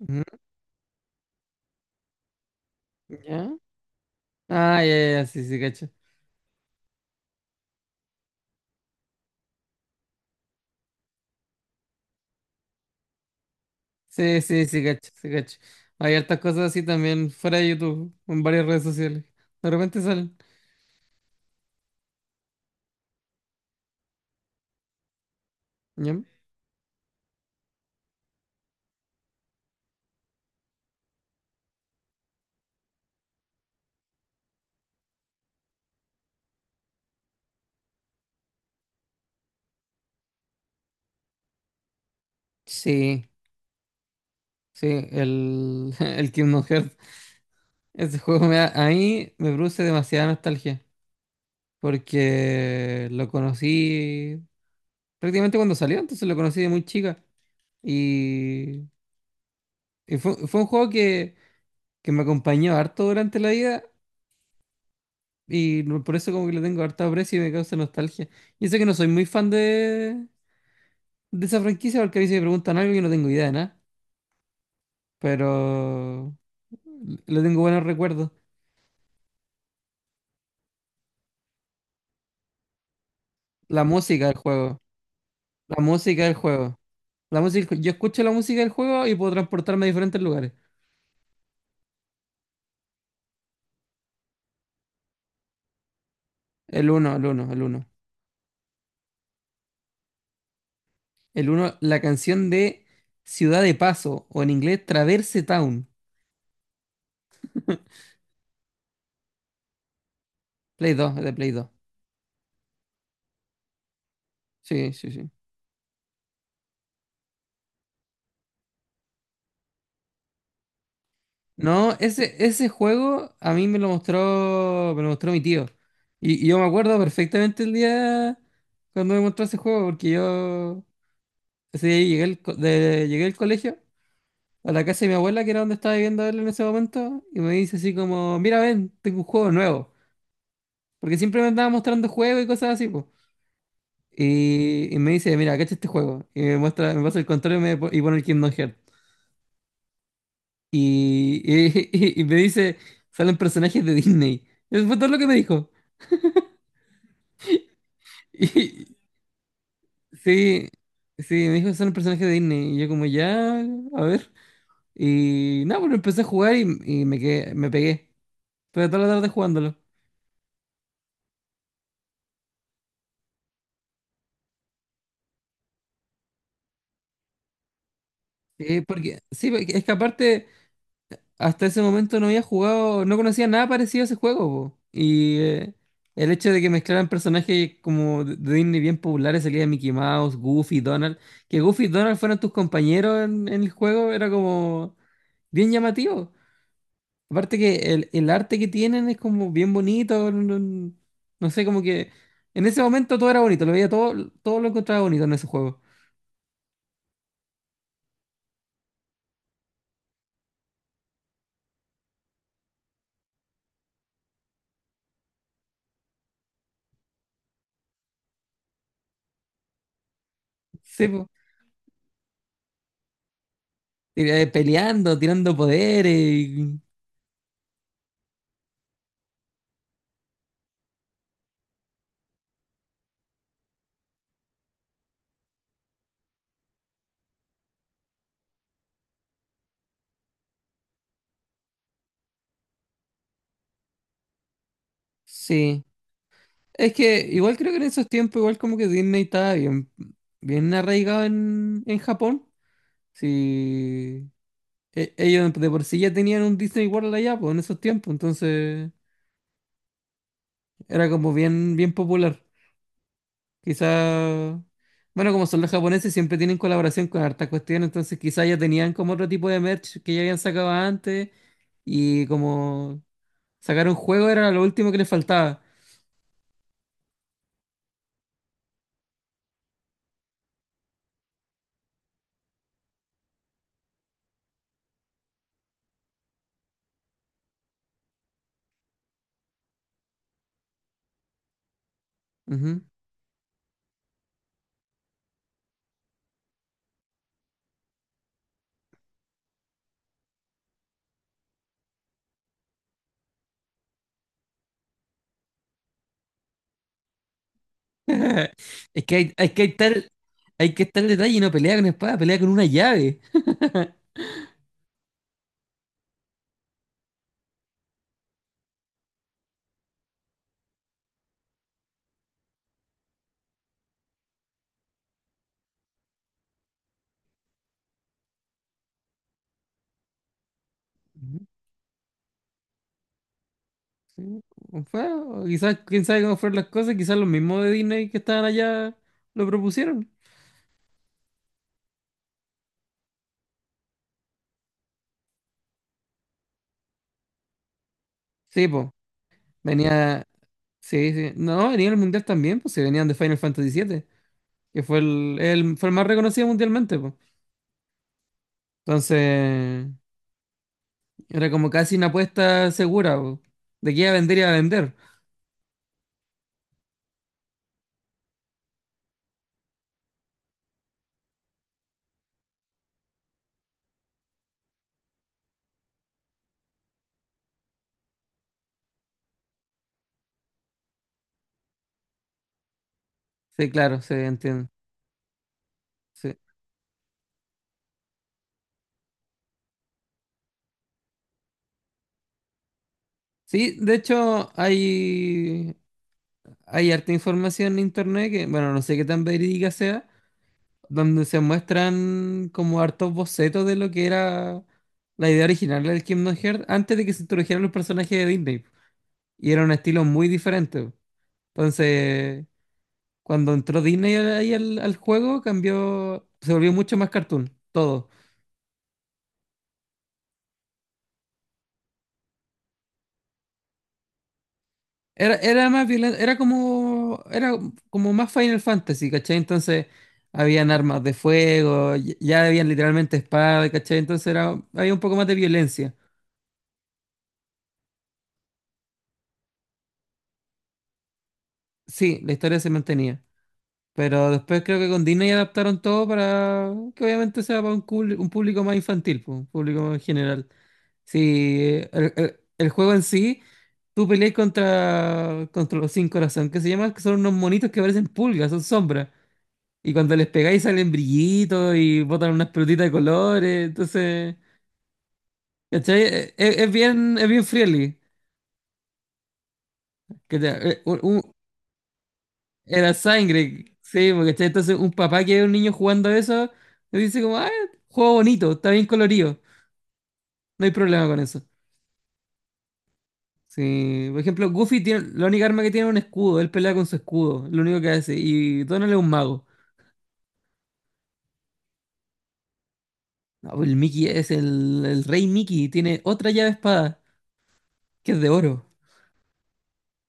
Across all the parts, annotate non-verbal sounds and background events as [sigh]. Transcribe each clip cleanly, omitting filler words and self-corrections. Ujú. ¿Ya? Ah, ya, ya, ya, sí, sí, cacho. Sí, sí, sí, cacho, sí, cacho. Hay hartas cosas así también fuera de YouTube, en varias redes sociales. De repente salen. ¿Ya? Sí, sí, el, [laughs] el Kingdom Hearts. Ese juego a mí me produce demasiada nostalgia, porque lo conocí prácticamente cuando salió, entonces lo conocí de muy chica. Y, y fue un juego que me acompañó harto durante la vida. Por eso como que le tengo harta aprecio y me causa nostalgia. Y sé que no soy muy fan de esa franquicia porque a veces me preguntan algo y no tengo idea de nada. Pero le tengo buenos recuerdos. La música del juego. La música del juego. La música, yo escucho la música del juego y puedo transportarme a diferentes lugares. El uno, el uno, el uno. El uno, la canción de Ciudad de Paso, o en inglés Traverse Town. [laughs] Play 2, de Play 2. Sí, sí, sí. No, ese juego a mí me lo mostró mi tío. Y yo me acuerdo perfectamente el día cuando me mostró ese juego, porque yo ese día llegué al colegio, a la casa de mi abuela, que era donde estaba viviendo él en ese momento, y me dice así como, mira, ven, tengo un juego nuevo. Porque siempre me andaba mostrando juegos y cosas así, pues. Y me dice, mira, cacha este juego. Y me muestra, me pasa el control y pone el Kingdom Hearts. Y [laughs] me dice, salen personajes de Disney. Eso fue todo lo que me dijo. Y- sí, sí, me dijo, son un personaje de Disney. Y yo como, ya, a ver. Y nada, pero empecé a jugar y me quedé, me pegué. Pero toda la tarde jugándolo. Sí, porque es que aparte, hasta ese momento no había jugado, no conocía nada parecido a ese juego, po. Y el hecho de que mezclaran personajes como de Disney bien populares, salía Mickey Mouse, Goofy, Donald, que Goofy y Donald fueran tus compañeros en el juego, era como bien llamativo. Aparte que el arte que tienen es como bien bonito, no sé, como que en ese momento todo era bonito, lo veía todo, todo lo encontraba bonito en ese juego. Sí, po. Peleando, tirando poderes. y- Sí. Es que igual creo que en esos tiempos, igual como que Disney estaba bien, bien arraigado en Japón. Sí. Ellos de por sí ya tenían un Disney World allá, pues en esos tiempos, entonces era como bien, bien popular. Quizá, bueno, como son los japoneses, siempre tienen colaboración con hartas cuestiones, entonces quizá ya tenían como otro tipo de merch que ya habían sacado antes y como sacar un juego era lo último que les faltaba. Ujú. [laughs] Es que hay que estar detalle y no pelea con espada, pelea con una llave. Ujú. Sí, o quizás, quién sabe cómo fueron las cosas, quizás los mismos de Disney que estaban allá lo propusieron. Sí, pues, venía, sí, sí, no, venía el Mundial también, pues se venían de Final Fantasy VII, que fue fue el más reconocido mundialmente, po. Entonces, era como casi una apuesta segura, po. De que iba a vender, y iba a vender. Sí, claro, se entiende. Sí. Sí, de hecho, hay harta información en internet que, bueno, no sé qué tan verídica sea, donde se muestran como hartos bocetos de lo que era la idea original del Kingdom Hearts antes de que se introdujeran los personajes de Disney. Y era un estilo muy diferente. Entonces, cuando entró Disney ahí al juego, cambió, se volvió mucho más cartoon, todo. Era más violento, era como más Final Fantasy, ¿cachai? Entonces habían armas de fuego, ya habían literalmente espadas, ¿cachai? Entonces era, había un poco más de violencia. Sí, la historia se mantenía. Pero después creo que con Disney adaptaron todo para que obviamente sea para un público más infantil, pues, un público más general. Si el juego en sí, tú peleas contra los sin corazón, que se llaman, que son unos monitos que parecen pulgas, son sombras. Y cuando les pegáis salen brillitos y botan unas pelotitas de colores, entonces, ¿cachai? Es bien friendly. ¿Cachai? Era sangre, sí, porque, ¿cachai? Entonces un papá que ve a un niño jugando eso, le dice como, ah, juego bonito, está bien colorido, no hay problema con eso. Sí, por ejemplo, Goofy tiene, la única arma que tiene es un escudo, él pelea con su escudo, lo único que hace, y Donald es un mago. No, pues el Mickey es el rey Mickey, tiene otra llave espada, que es de oro,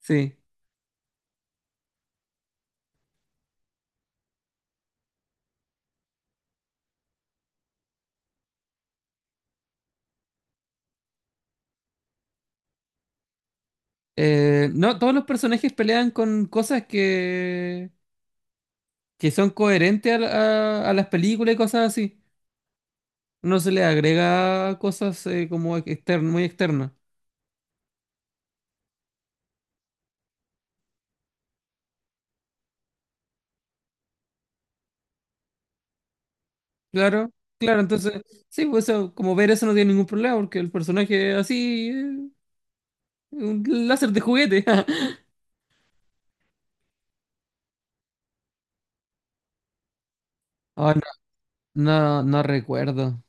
sí. No, todos los personajes pelean con cosas que son coherentes a las películas y cosas así. No se le agrega cosas como externo, muy externas. Claro, claro, entonces, sí, pues eso, como ver eso no tiene ningún problema, porque el personaje es así, un láser de juguete. [laughs] Ay, no, no, no recuerdo.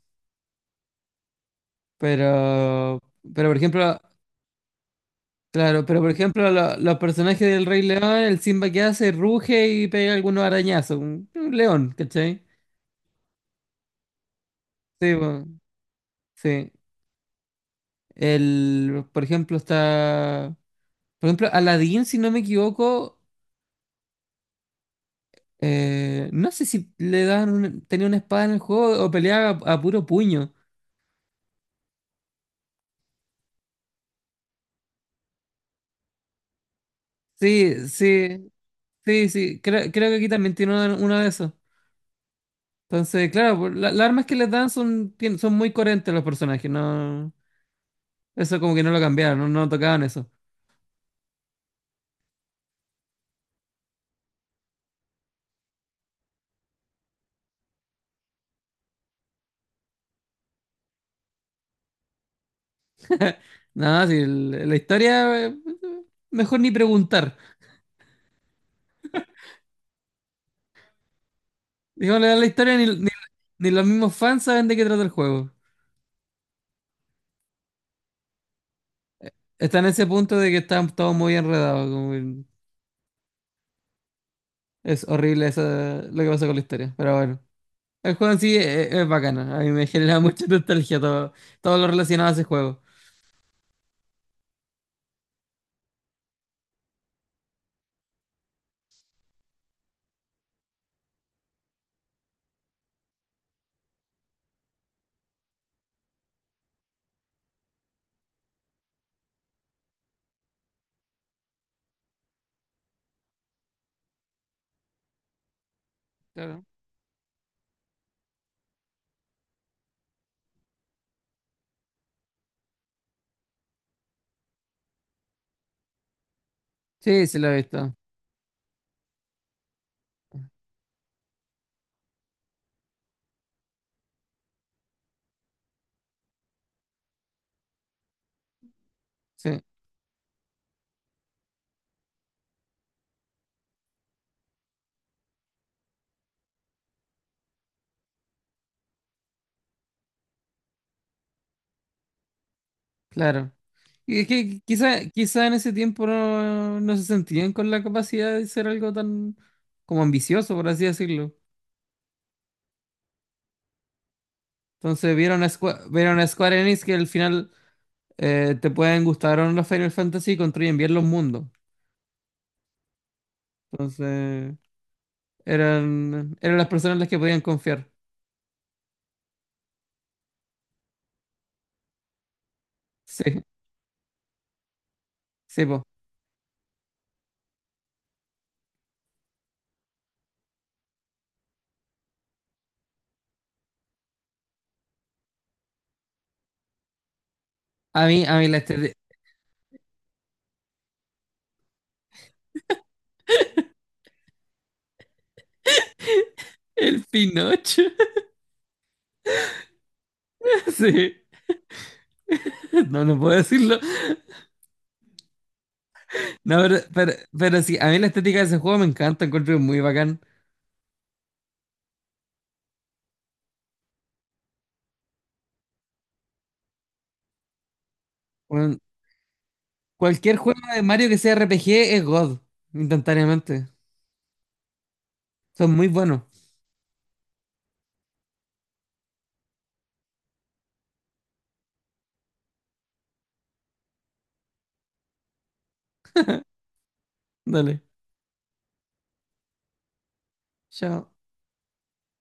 Pero, pero por ejemplo, claro, pero por ejemplo, los personajes del Rey León, el Simba que hace, ruge y pega algunos arañazos. Un león, ¿cachai? Sí, po, sí. El, por ejemplo, está. Por ejemplo, Aladdin, si no me equivoco, no sé si le daban tenía una espada en el juego o peleaba a puro puño. Sí, sí, sí, sí. Creo que aquí también tiene uno, de esos. Entonces, claro, pues, las armas que les dan son muy coherentes los personajes, no, eso como que no lo cambiaron, no, no tocaban eso. [laughs] Nada, si la historia, mejor ni preguntar. Digámosle a la historia, ni los mismos fans saben de qué trata el juego. Está en ese punto de que están todos muy enredados, como que es horrible esa, lo que pasa con la historia, pero bueno. El juego en sí es bacano, a mí me [laughs] genera mucha nostalgia todo, todo lo relacionado a ese juego. Claro. Sí, sí lo he visto. Sí. Claro. Y es que quizá en ese tiempo no, no se sentían con la capacidad de ser algo tan como ambicioso, por así decirlo. Entonces vieron a Square Enix que al final te pueden gustar o no los Final Fantasy y construyen bien los mundos. Entonces eran las personas en las que podían confiar. Sí, sí, po. A mí la estética. El Pinocho. [laughs] Sí. No, no puedo decirlo. No, pero sí, a mí la estética de ese juego me encanta, encuentro muy bacán. Cualquier juego de Mario que sea RPG es God, instantáneamente. Son muy buenos. Dale, chao.